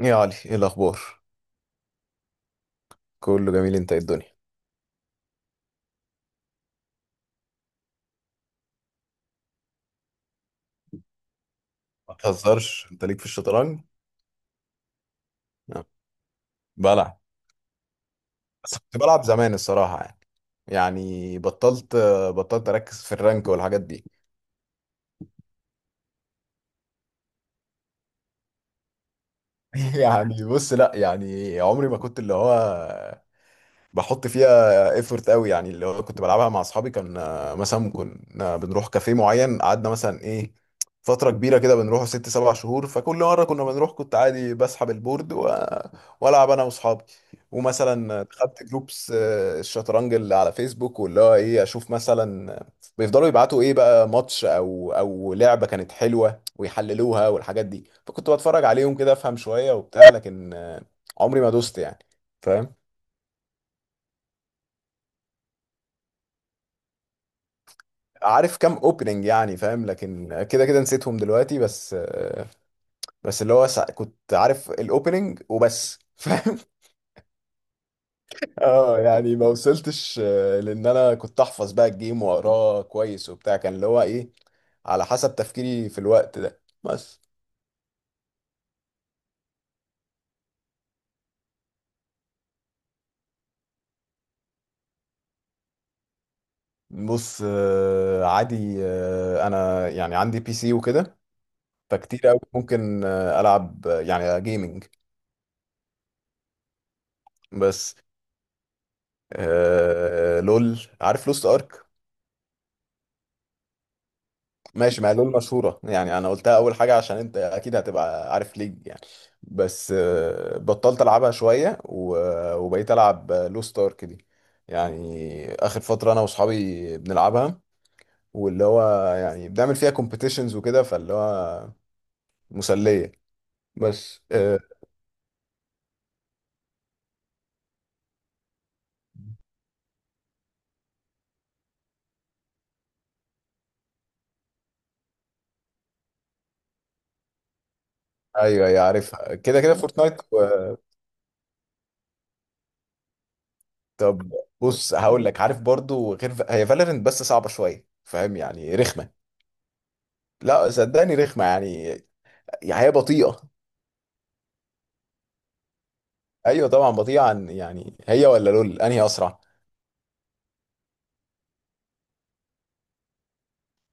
ايه يا علي، ايه الاخبار؟ كله جميل. انت إيه الدنيا؟ ما تهزرش، انت ليك في الشطرنج. آه، بلعب. بس كنت بلعب زمان الصراحه، يعني بطلت اركز في الرانك والحاجات دي. يعني بص، لا، يعني عمري ما كنت اللي هو بحط فيها ايفورت قوي، يعني اللي هو كنت بلعبها مع اصحابي. كان مثلا كنا بنروح كافيه معين، قعدنا مثلا ايه فترة كبيرة كده بنروحه 6 7 شهور. فكل مرة كنا بنروح كنت عادي بسحب البورد والعب انا واصحابي. ومثلا دخلت جروبس الشطرنج اللي على فيسبوك، واللي هو ايه اشوف مثلا بيفضلوا يبعتوا ايه بقى ماتش او لعبة كانت حلوة، ويحللوها والحاجات دي. فكنت بتفرج عليهم كده، افهم شوية وبتاع، لكن عمري ما دوست يعني، فاهم. عارف كام اوبننج، يعني فاهم، لكن كده كده نسيتهم دلوقتي. بس اللي هو كنت عارف الاوبننج وبس، فاهم. اه يعني ما وصلتش، لان انا كنت احفظ بقى الجيم واقراه كويس وبتاع، كان اللي هو ايه على حسب تفكيري في الوقت ده. بس بص، عادي. انا يعني عندي بي سي وكده، فكتير قوي ممكن العب، يعني جيمنج. بس لول، عارف لوست ارك؟ ماشي، ما هي لول مشهورة يعني، أنا قلتها أول حاجة عشان أنت أكيد هتبقى عارف ليج يعني. بس بطلت ألعبها شوية وبقيت ألعب لو ستارك دي. يعني آخر فترة أنا وأصحابي بنلعبها، واللي هو يعني بنعمل فيها كومبيتيشنز وكده، فاللي هو مسلية. بس أيوه، أيوه، عارفها كده كده، فورتنايت طب بص، هقول لك، عارف برضو غير هي، فالورنت بس صعبة شوية، فاهم يعني رخمة. لا صدقني رخمة يعني، يعني هي بطيئة. ايوه طبعا بطيئه. عن يعني هي ولا لول انهي اسرع؟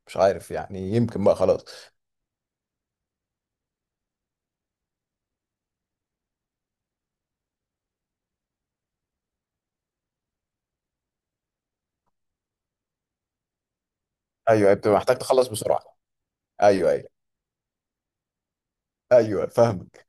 مش عارف يعني، يمكن بقى خلاص. ايوه، بتبقى محتاج تخلص بسرعه. ايوه، ايوه، ايوه، فاهمك.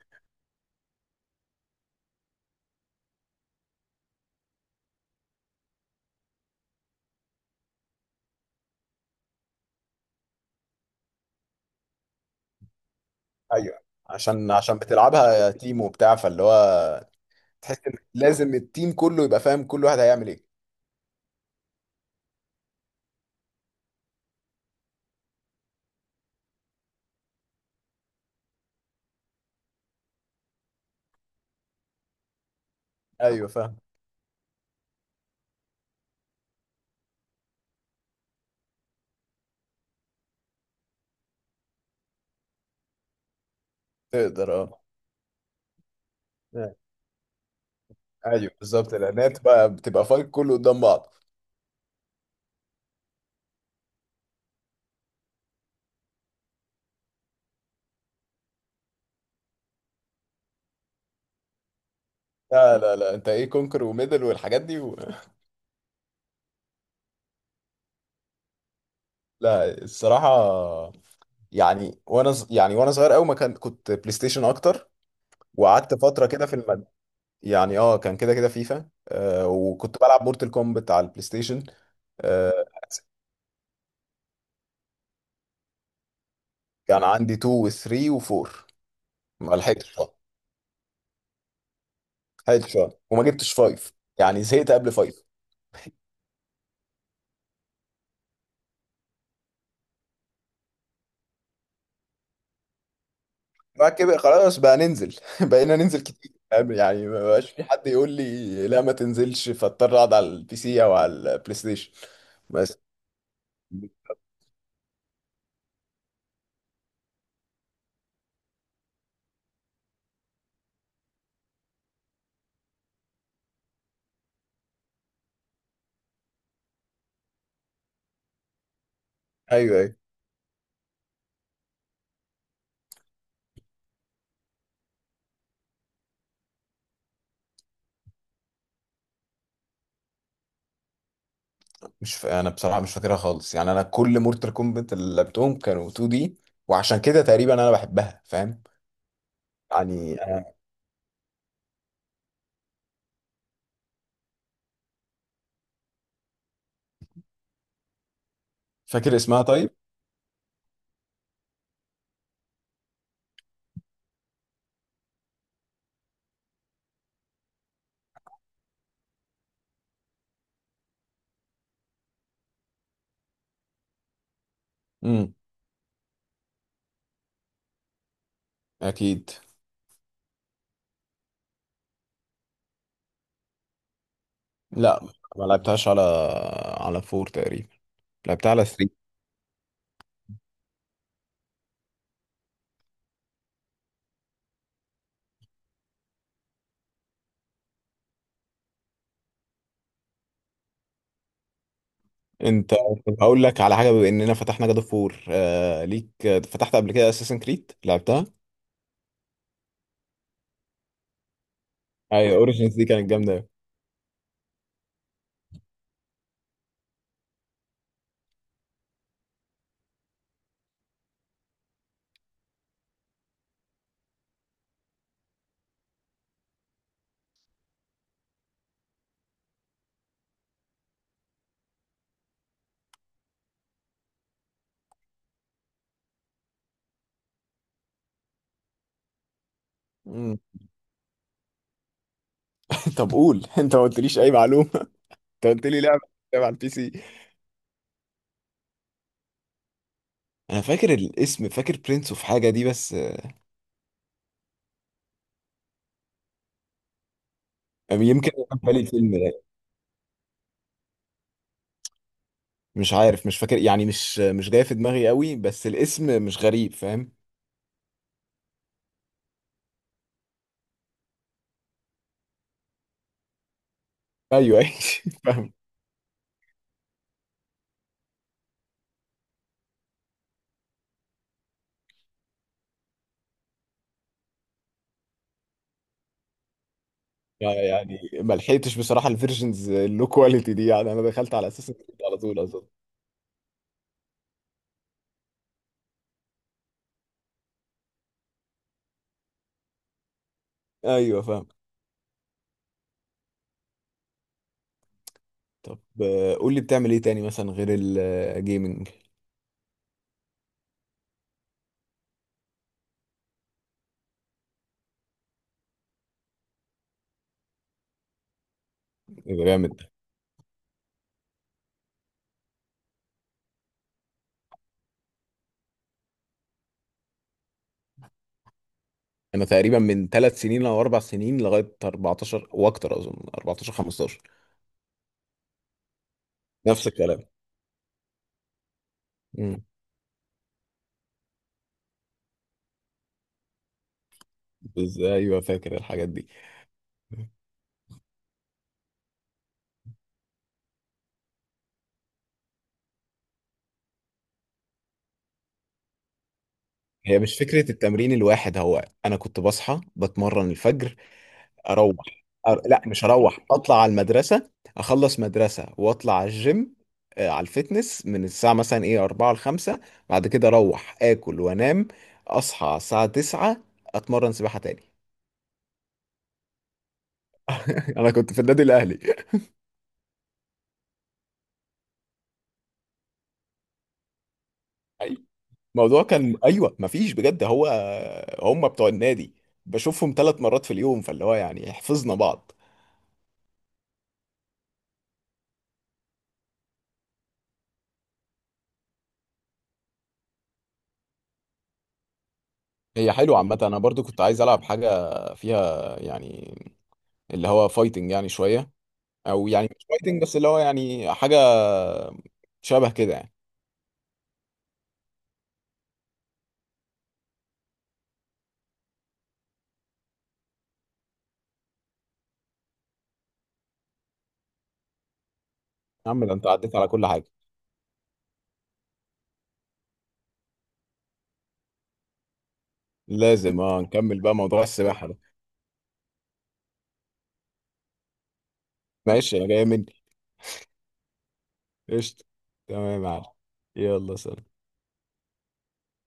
ايوه، عشان بتلعبها تيم وبتاع، فاللي هو تحس ان لازم التيم كله يبقى فاهم كل واحد هيعمل ايه. ايوه فاهم، تقدر اه. ايوه بالظبط، لان هي بتبقى فايت كله قدام بعض. لا لا لا، انت ايه كونكر وميدل والحاجات دي لا الصراحه، يعني وانا يعني وانا صغير قوي ما كان، كنت بلاي ستيشن اكتر. وقعدت فتره كده في المد. يعني اه كان كده كده فيفا، وكنت بلعب مورتال كومبت على البلاي ستيشن. كان عندي 2 و3 و4. ما لحقتش طبعا. لحقتش طبعا. وما جبتش 5، يعني زهقت قبل 5. بعد كده خلاص بقى ننزل. بقينا ننزل كتير، فاهم؟ يعني ما بقاش في حد يقول لي لا ما تنزلش، فاضطر اقعد على البي سي او على البلاي ستيشن. بس ايوه، ايوه. مش ف... انا بصراحه مش فاكرها خالص، يعني انا كل مورتال كومبت اللي لعبتهم كانوا 2 دي، وعشان كده تقريبا انا بحبها، فاهم. يعني فاكر اسمها طيب؟ امم اكيد. لا ما لعبتهاش على فور تقريبا، لعبتها على 3. انت طب هقول لك على حاجه، بما اننا فتحنا جاد اوف فور، آه ليك فتحت قبل كده اساسن كريد، لعبتها. ايوه اوريجينز دي كانت جامده أوي. مم. طب قول، انت ما قلتليش اي معلومه. انت قلت لي لعبه على البي سي. انا فاكر الاسم، فاكر برنس اوف حاجه دي، بس يمكن كان بالي الفيلم ده، مش عارف، مش فاكر يعني، مش جاي في دماغي قوي، بس الاسم مش غريب، فاهم. ايوه. أيوة، فاهم. يعني ما لحقتش بصراحه الفيرجنز اللو كواليتي دي، يعني انا دخلت على اساس إن كنت على طول اصلا. ايوه فاهم. طب قول لي بتعمل ايه تاني مثلا غير الجيمنج؟ يبقى جامد. انا تقريبا من 3 سنين او 4 سنين لغايه 14 واكتر، اظن 14 15. نفس الكلام. امم بس ايوه فاكر الحاجات دي. هي مش فكرة التمرين الواحد، هو أنا كنت بصحى بتمرن الفجر. اروح لا مش هروح، اطلع على المدرسه، اخلص مدرسه واطلع على الجيم، على الفتنس من الساعه مثلا ايه 4 ل 5. بعد كده اروح اكل وانام، اصحى على الساعه 9 اتمرن سباحه تاني. انا كنت في النادي الاهلي. أيوة. الموضوع كان ايوه مفيش بجد، هو هم بتوع النادي بشوفهم 3 مرات في اليوم، فاللي هو يعني حفظنا بعض. هي حلوة عامة، أنا برضو كنت عايز ألعب حاجة فيها يعني اللي هو فايتنج يعني شوية، او يعني مش فايتنج، بس اللي هو يعني حاجه شبه كده يعني. يا عم ده انت عديت على كل حاجه! لازم اه نكمل بقى موضوع السباحه ده. ماشي، انا جاي مني. قشطه. تمام يا معلم. يلا سلام.